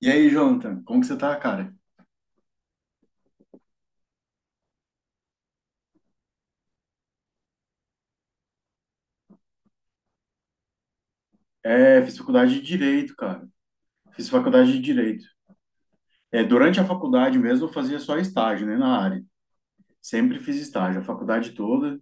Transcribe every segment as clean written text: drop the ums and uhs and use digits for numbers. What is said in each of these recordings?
E aí, Jonathan, como que você tá, cara? É, fiz faculdade de Direito, cara. Fiz faculdade de Direito. É, durante a faculdade mesmo eu fazia só estágio, né, na área. Sempre fiz estágio, a faculdade toda.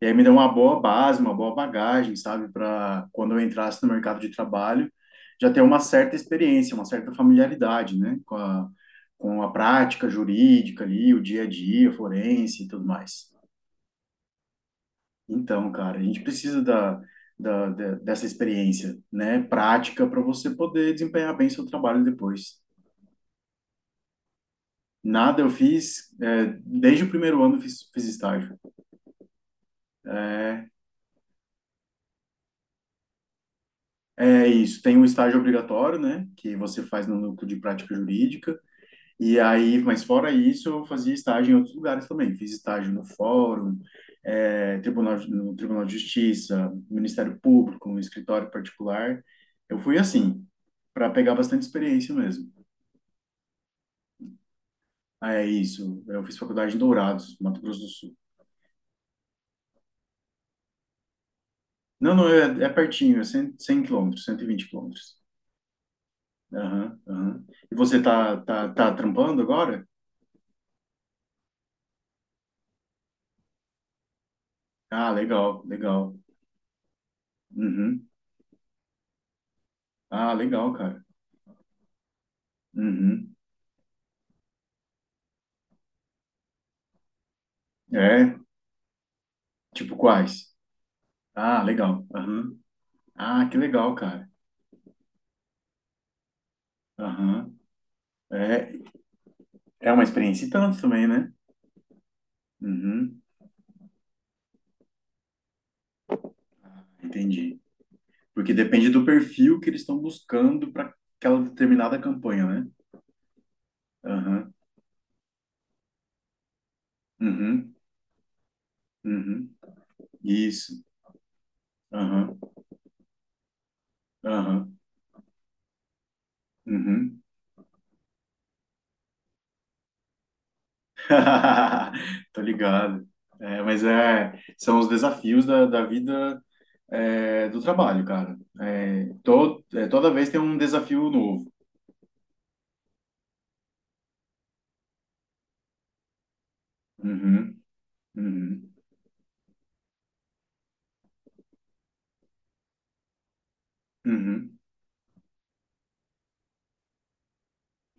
E aí me deu uma boa base, uma boa bagagem, sabe, para quando eu entrasse no mercado de trabalho, já ter uma certa experiência, uma certa familiaridade, né, com a prática jurídica ali, o dia a dia, forense e tudo mais. Então, cara, a gente precisa dessa experiência, né, prática para você poder desempenhar bem seu trabalho depois. Nada eu fiz, é, desde o primeiro ano eu fiz, fiz estágio. É, é isso, tem o estágio obrigatório, né, que você faz no núcleo de prática jurídica. E aí, mas fora isso, eu fazia estágio em outros lugares também. Fiz estágio no Fórum, no Tribunal de Justiça, Ministério Público, no escritório particular. Eu fui assim, para pegar bastante experiência mesmo. Ah, é isso. Eu fiz faculdade em Dourados, Mato Grosso do Sul. Não, não, é, é pertinho, 100 quilômetros, 120 quilômetros. Aham, aham. E você tá trampando agora? Ah, legal, legal. Uhum. Ah, legal, cara. Uhum. É, tipo quais? Ah, legal. Aham. Ah, que legal, cara. Aham. É, é uma experiência e tanto também, né? Uhum. Entendi. Porque depende do perfil que eles estão buscando para aquela determinada campanha, né? Aham. Uhum. Uhum. Isso. Aham. Aham. Uhum. Tô ligado. É, são os desafios da vida é, do trabalho, cara. Toda vez tem um desafio novo. Uhum. Uhum. Uhum.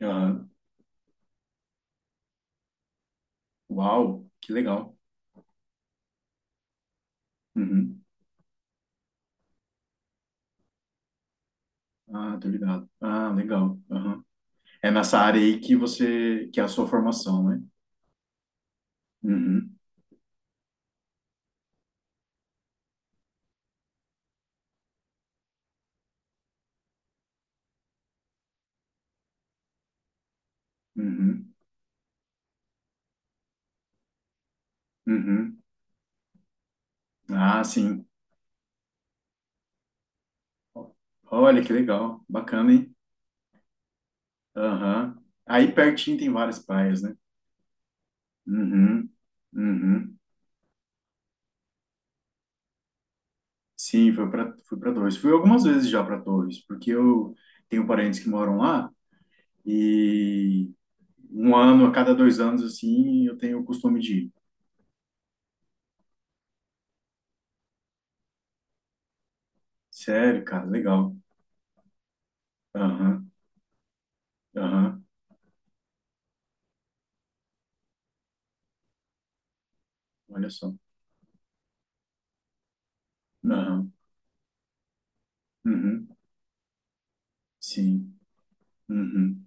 Ah, uau, que legal. Uhum. Ah, tô ligado. Ah, legal. Aham. É nessa área aí que você, que é a sua formação, né? Uhum, uhum, uhum. Ah, sim. Olha que legal, bacana, hein? Aham. Aí pertinho tem várias praias, né? Uhum, uhum. Sim, fui para Torres. Fui algumas vezes já para Torres, porque eu tenho parentes que moram lá e um ano a cada dois anos assim eu tenho o costume de ir. Sério, cara, legal. Aham, aham, olha só. Aham, uhum, sim, uhum.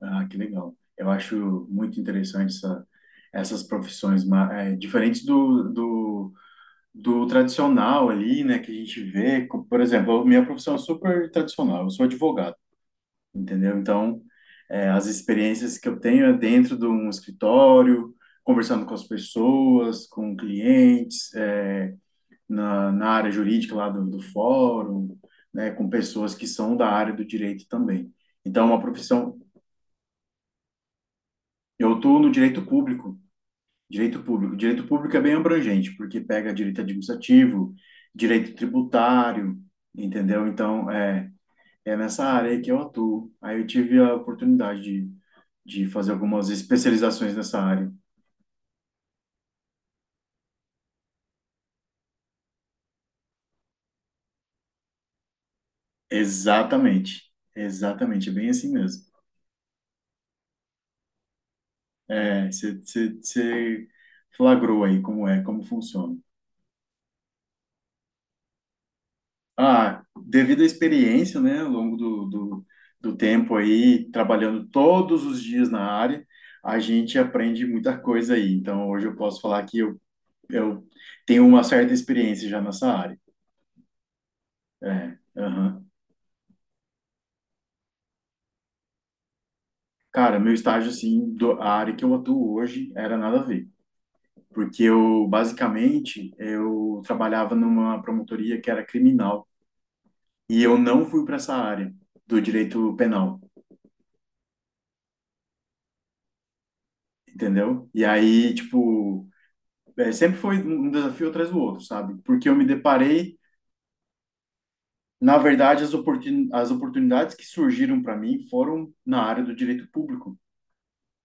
Ah, que legal. Eu acho muito interessante essas profissões diferentes do tradicional ali, né, que a gente vê. Por exemplo, a minha profissão é super tradicional, eu sou advogado, entendeu? Então, as experiências que eu tenho é dentro de um escritório, conversando com as pessoas, com clientes, é, na, na área jurídica lá do fórum, né, com pessoas que são da área do direito também. Então, é uma profissão. Eu estou no direito público, direito público. Direito público é bem abrangente, porque pega direito administrativo, direito tributário, entendeu? Então, é, é nessa área aí que eu atuo. Aí eu tive a oportunidade de fazer algumas especializações nessa área. Exatamente, exatamente, é bem assim mesmo. É, você flagrou aí como é, como funciona. Ah, devido à experiência, né, ao longo do tempo aí, trabalhando todos os dias na área, a gente aprende muita coisa aí. Então, hoje eu posso falar que eu tenho uma certa experiência já nessa área. É, aham. Cara, meu estágio, assim, a área que eu atuo hoje era nada a ver. Porque eu, basicamente, eu trabalhava numa promotoria que era criminal. E eu não fui para essa área do direito penal, entendeu? E aí, tipo É, sempre foi um desafio atrás do outro, sabe? Porque eu me deparei, na verdade, as oportunidades que surgiram para mim foram na área do direito público,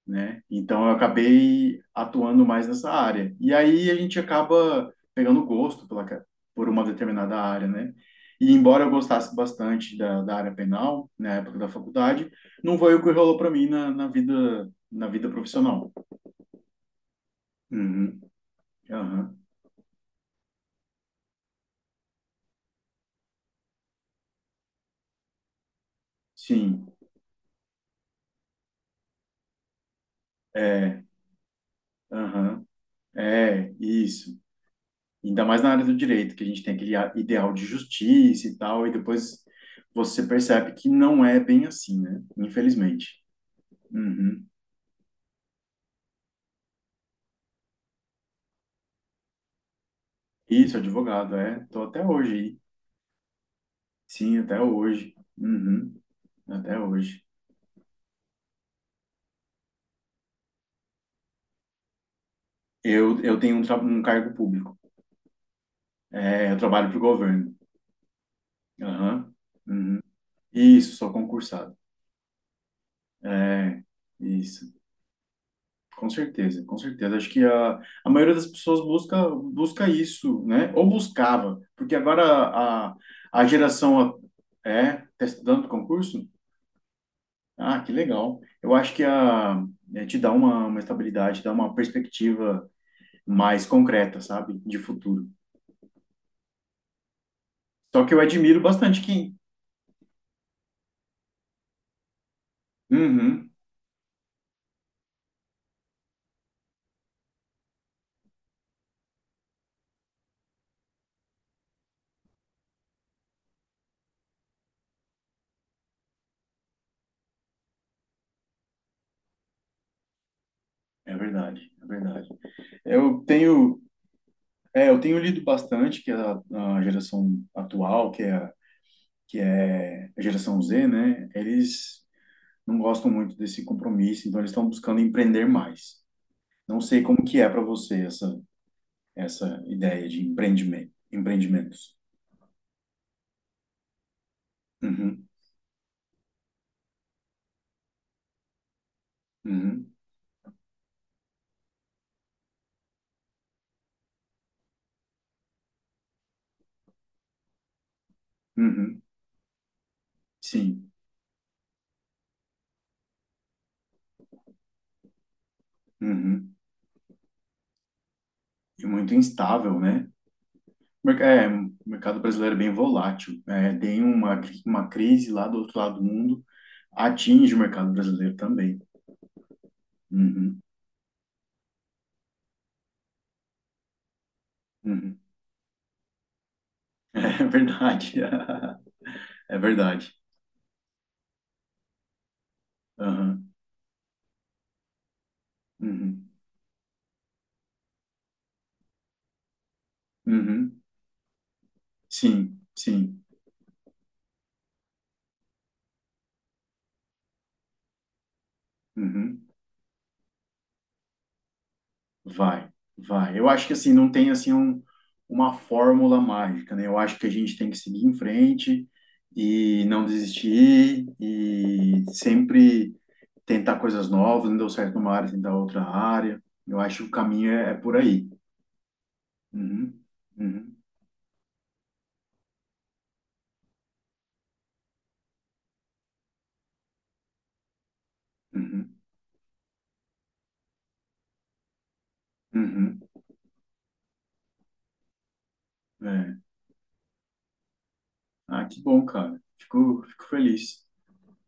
né? Então eu acabei atuando mais nessa área. E aí a gente acaba pegando gosto por uma determinada área, né? E embora eu gostasse bastante da área penal, na época da faculdade, não foi o que rolou para mim na vida profissional. Uhum, aham, sim, é, aham, é, isso. Ainda mais na área do direito, que a gente tem aquele ideal de justiça e tal, e depois você percebe que não é bem assim, né? Infelizmente. Uhum. Isso, advogado, é. Tô até hoje aí. Sim, até hoje. Uhum. Até hoje. Eu tenho um, um cargo público. É, eu trabalho para o governo. Aham. Uhum. Isso, sou concursado. É, isso. Com certeza, com certeza. Acho que a maioria das pessoas busca, busca isso, né? Ou buscava, porque agora a geração a- é, tá estudando pro concurso? Ah, que legal. Eu acho que a, é, te dá uma estabilidade, dá uma perspectiva mais concreta, sabe? De futuro. Só que eu admiro bastante quem. Uhum, é verdade, é verdade. Eu tenho, é, eu tenho lido bastante que a geração atual, que é a geração Z, né? Eles não gostam muito desse compromisso, então eles estão buscando empreender mais. Não sei como que é para você essa ideia de empreendimento, empreendimentos. Uhum, uhum, uhum, sim, uhum. E muito instável, né? É, o mercado brasileiro é bem volátil. É, tem uma, uma crise lá do outro lado do mundo, atinge o mercado brasileiro também. Uhum, uhum. É verdade. É verdade. Aham, uhum, uhum. Sim, sim. Uhum. Vai, vai. Eu acho que assim, não tem assim um, uma fórmula mágica, né? Eu acho que a gente tem que seguir em frente e não desistir e sempre tentar coisas novas, não deu certo numa área, tentar outra área. Eu acho que o caminho é, é por aí. Uhum, uhum, uhum, uhum. É. Ah, que bom, cara. Fico, fico feliz.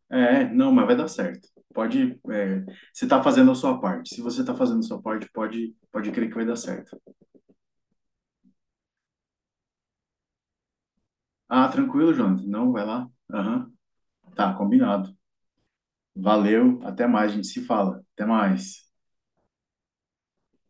É, não, mas vai dar certo. Pode, é, você está fazendo a sua parte. Se você está fazendo a sua parte, pode, pode crer que vai dar certo. Ah, tranquilo, Jonathan. Não, vai lá. Aham. Tá, combinado. Valeu. Até mais, a gente se fala. Até mais.